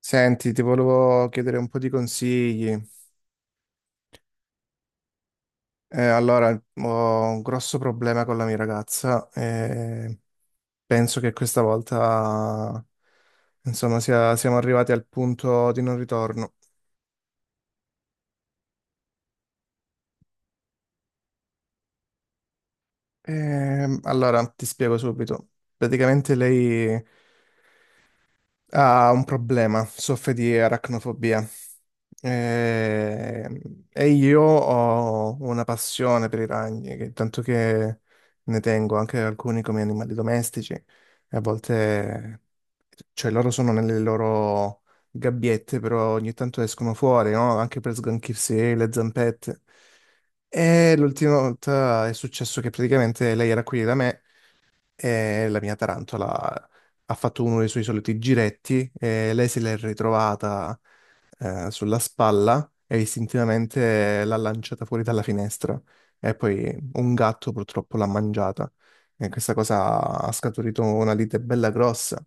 Senti, ti volevo chiedere un po' di consigli. Allora, ho un grosso problema con la mia ragazza e penso che questa volta, insomma, siamo arrivati al punto di non ritorno. Allora, ti spiego subito. Praticamente lei ha un problema, soffre di aracnofobia. E, e io ho una passione per i ragni, tanto che ne tengo anche alcuni come animali domestici. E a volte, cioè, loro sono nelle loro gabbiette, però ogni tanto escono fuori, no? Anche per sganchirsi le zampette. E l'ultima volta è successo che praticamente lei era qui da me e la mia tarantola ha fatto uno dei suoi soliti giretti e lei se l'è ritrovata sulla spalla e istintivamente l'ha lanciata fuori dalla finestra e poi un gatto purtroppo l'ha mangiata e questa cosa ha scaturito una lite bella grossa.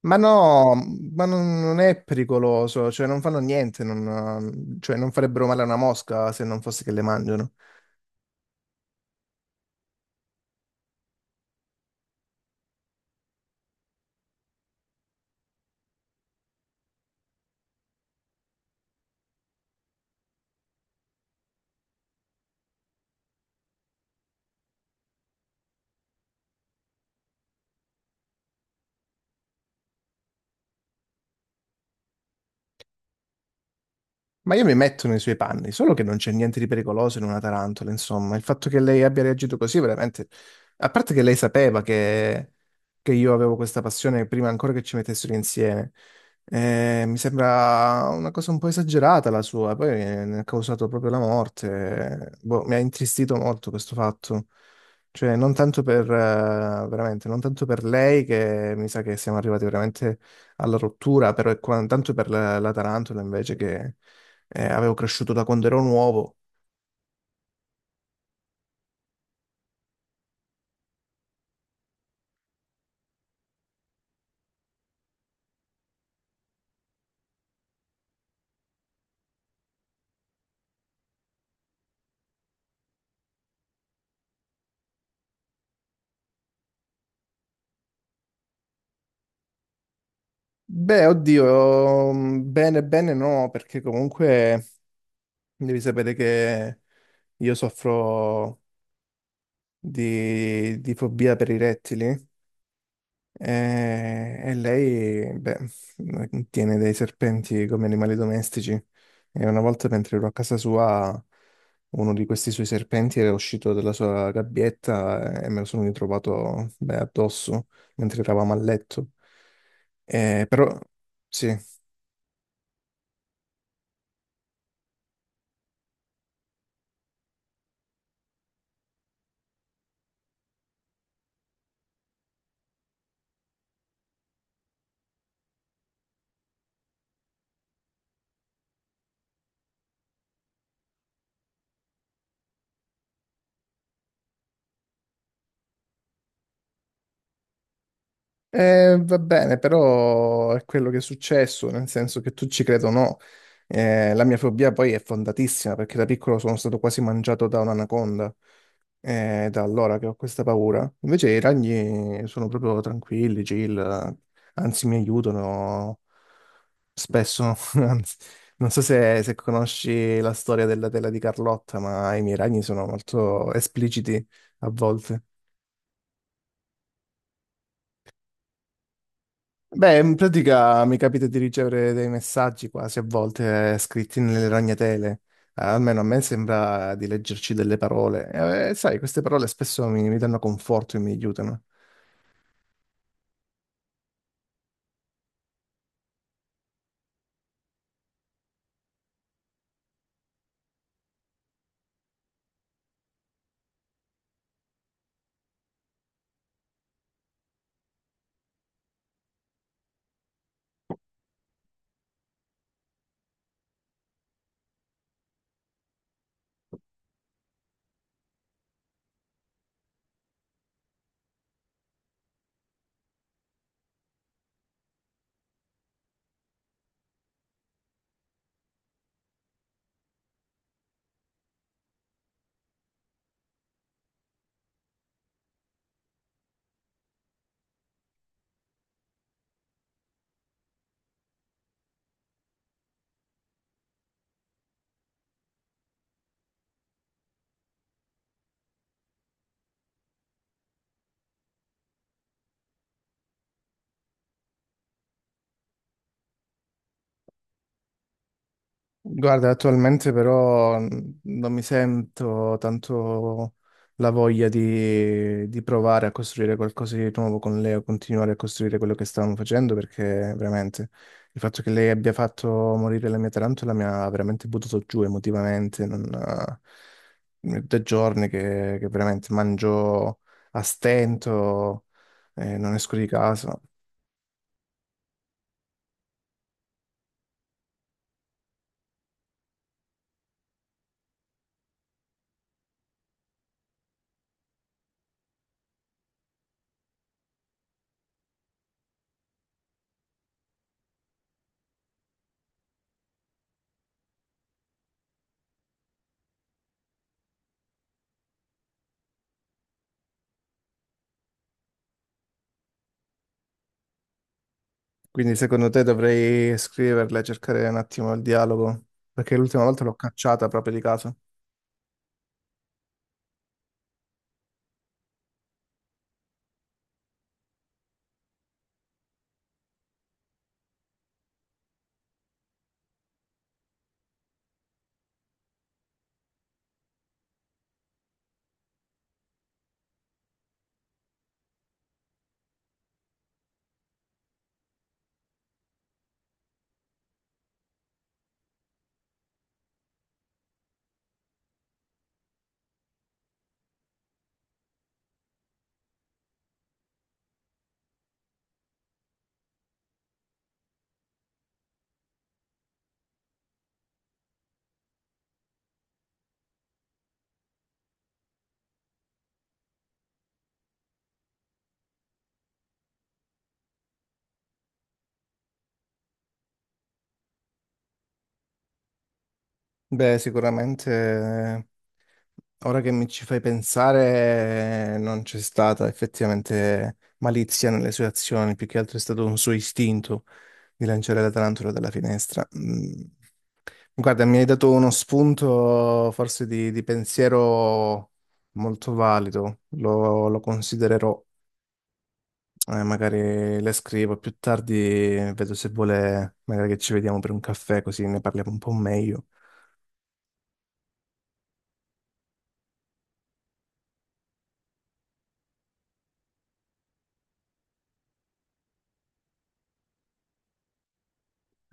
Ma no, ma non è pericoloso, cioè non fanno niente, non, cioè non farebbero male a una mosca se non fosse che le mangiano. Ma io mi metto nei suoi panni, solo che non c'è niente di pericoloso in una tarantola, insomma. Il fatto che lei abbia reagito così, veramente... A parte che lei sapeva che io avevo questa passione prima ancora che ci mettessero insieme. Mi sembra una cosa un po' esagerata la sua, poi ne ha causato proprio la morte. Boh, mi ha intristito molto questo fatto. Cioè, non tanto per, veramente, non tanto per lei, che mi sa che siamo arrivati veramente alla rottura, però tanto per la tarantola invece che avevo cresciuto da quando ero nuovo. Beh, oddio, bene, bene no, perché comunque devi sapere che io soffro di fobia per i rettili. E lei, beh, tiene dei serpenti come animali domestici. E una volta mentre ero a casa sua, uno di questi suoi serpenti era uscito dalla sua gabbietta e me lo sono ritrovato, beh, addosso mentre eravamo a letto. Però, sì. Va bene, però è quello che è successo, nel senso che tu ci credo o no. La mia fobia poi è fondatissima perché da piccolo sono stato quasi mangiato da un'anaconda. È da allora che ho questa paura. Invece i ragni sono proprio tranquilli, chill, anzi mi aiutano spesso. Anzi, non so se conosci la storia della tela di Carlotta, ma i miei ragni sono molto espliciti a volte. Beh, in pratica mi capita di ricevere dei messaggi quasi a volte scritti nelle ragnatele. Almeno a me sembra di leggerci delle parole. Sai, queste parole spesso mi danno conforto e mi aiutano. Guarda, attualmente però non mi sento tanto la voglia di provare a costruire qualcosa di nuovo con lei o continuare a costruire quello che stavamo facendo perché veramente il fatto che lei abbia fatto morire la mia tarantola mi ha veramente buttato giù emotivamente. Non, Da giorni che veramente mangio a stento e non esco di casa. Quindi secondo te dovrei scriverla e cercare un attimo il dialogo? Perché l'ultima volta l'ho cacciata proprio di caso. Beh, sicuramente ora che mi ci fai pensare non c'è stata effettivamente malizia nelle sue azioni, più che altro è stato un suo istinto di lanciare la tarantola dalla finestra. Mm. Guarda, mi hai dato uno spunto forse di pensiero molto valido, lo considererò. Magari le scrivo più tardi, vedo se vuole, magari che ci vediamo per un caffè così ne parliamo un po' meglio.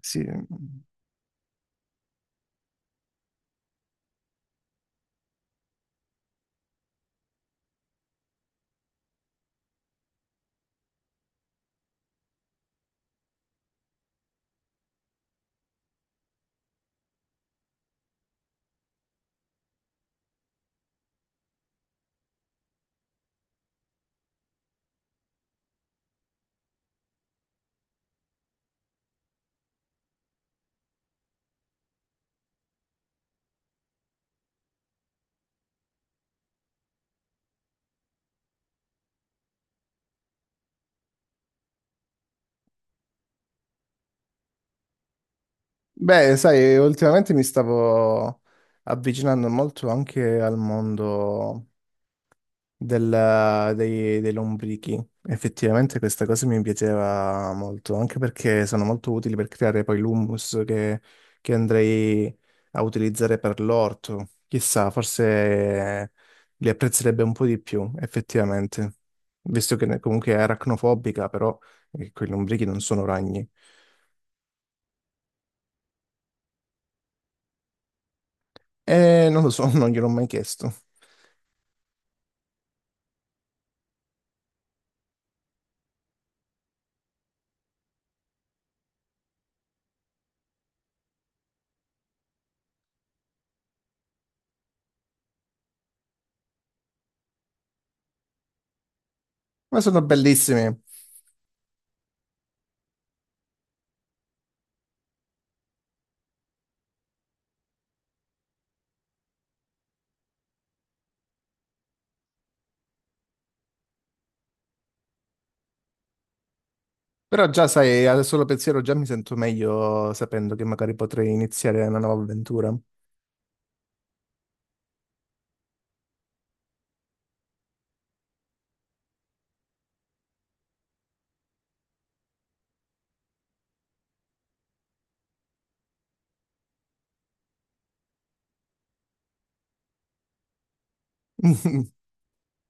Sì. Beh, sai, ultimamente mi stavo avvicinando molto anche al mondo dei lombrichi. Effettivamente questa cosa mi piaceva molto, anche perché sono molto utili per creare poi l'hummus che andrei a utilizzare per l'orto. Chissà, forse li apprezzerebbe un po' di più, effettivamente, visto che comunque è aracnofobica, però quei lombrichi non sono ragni. E non lo so, non gliel'ho mai chiesto. Ma sono bellissimi. Però già sai, adesso lo pensiero già mi sento meglio sapendo che magari potrei iniziare una nuova avventura.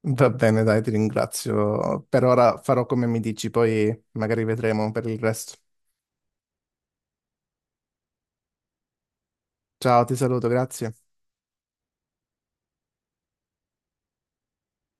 Va bene, dai, ti ringrazio. Per ora farò come mi dici, poi magari vedremo per il resto. Ciao, ti saluto, grazie.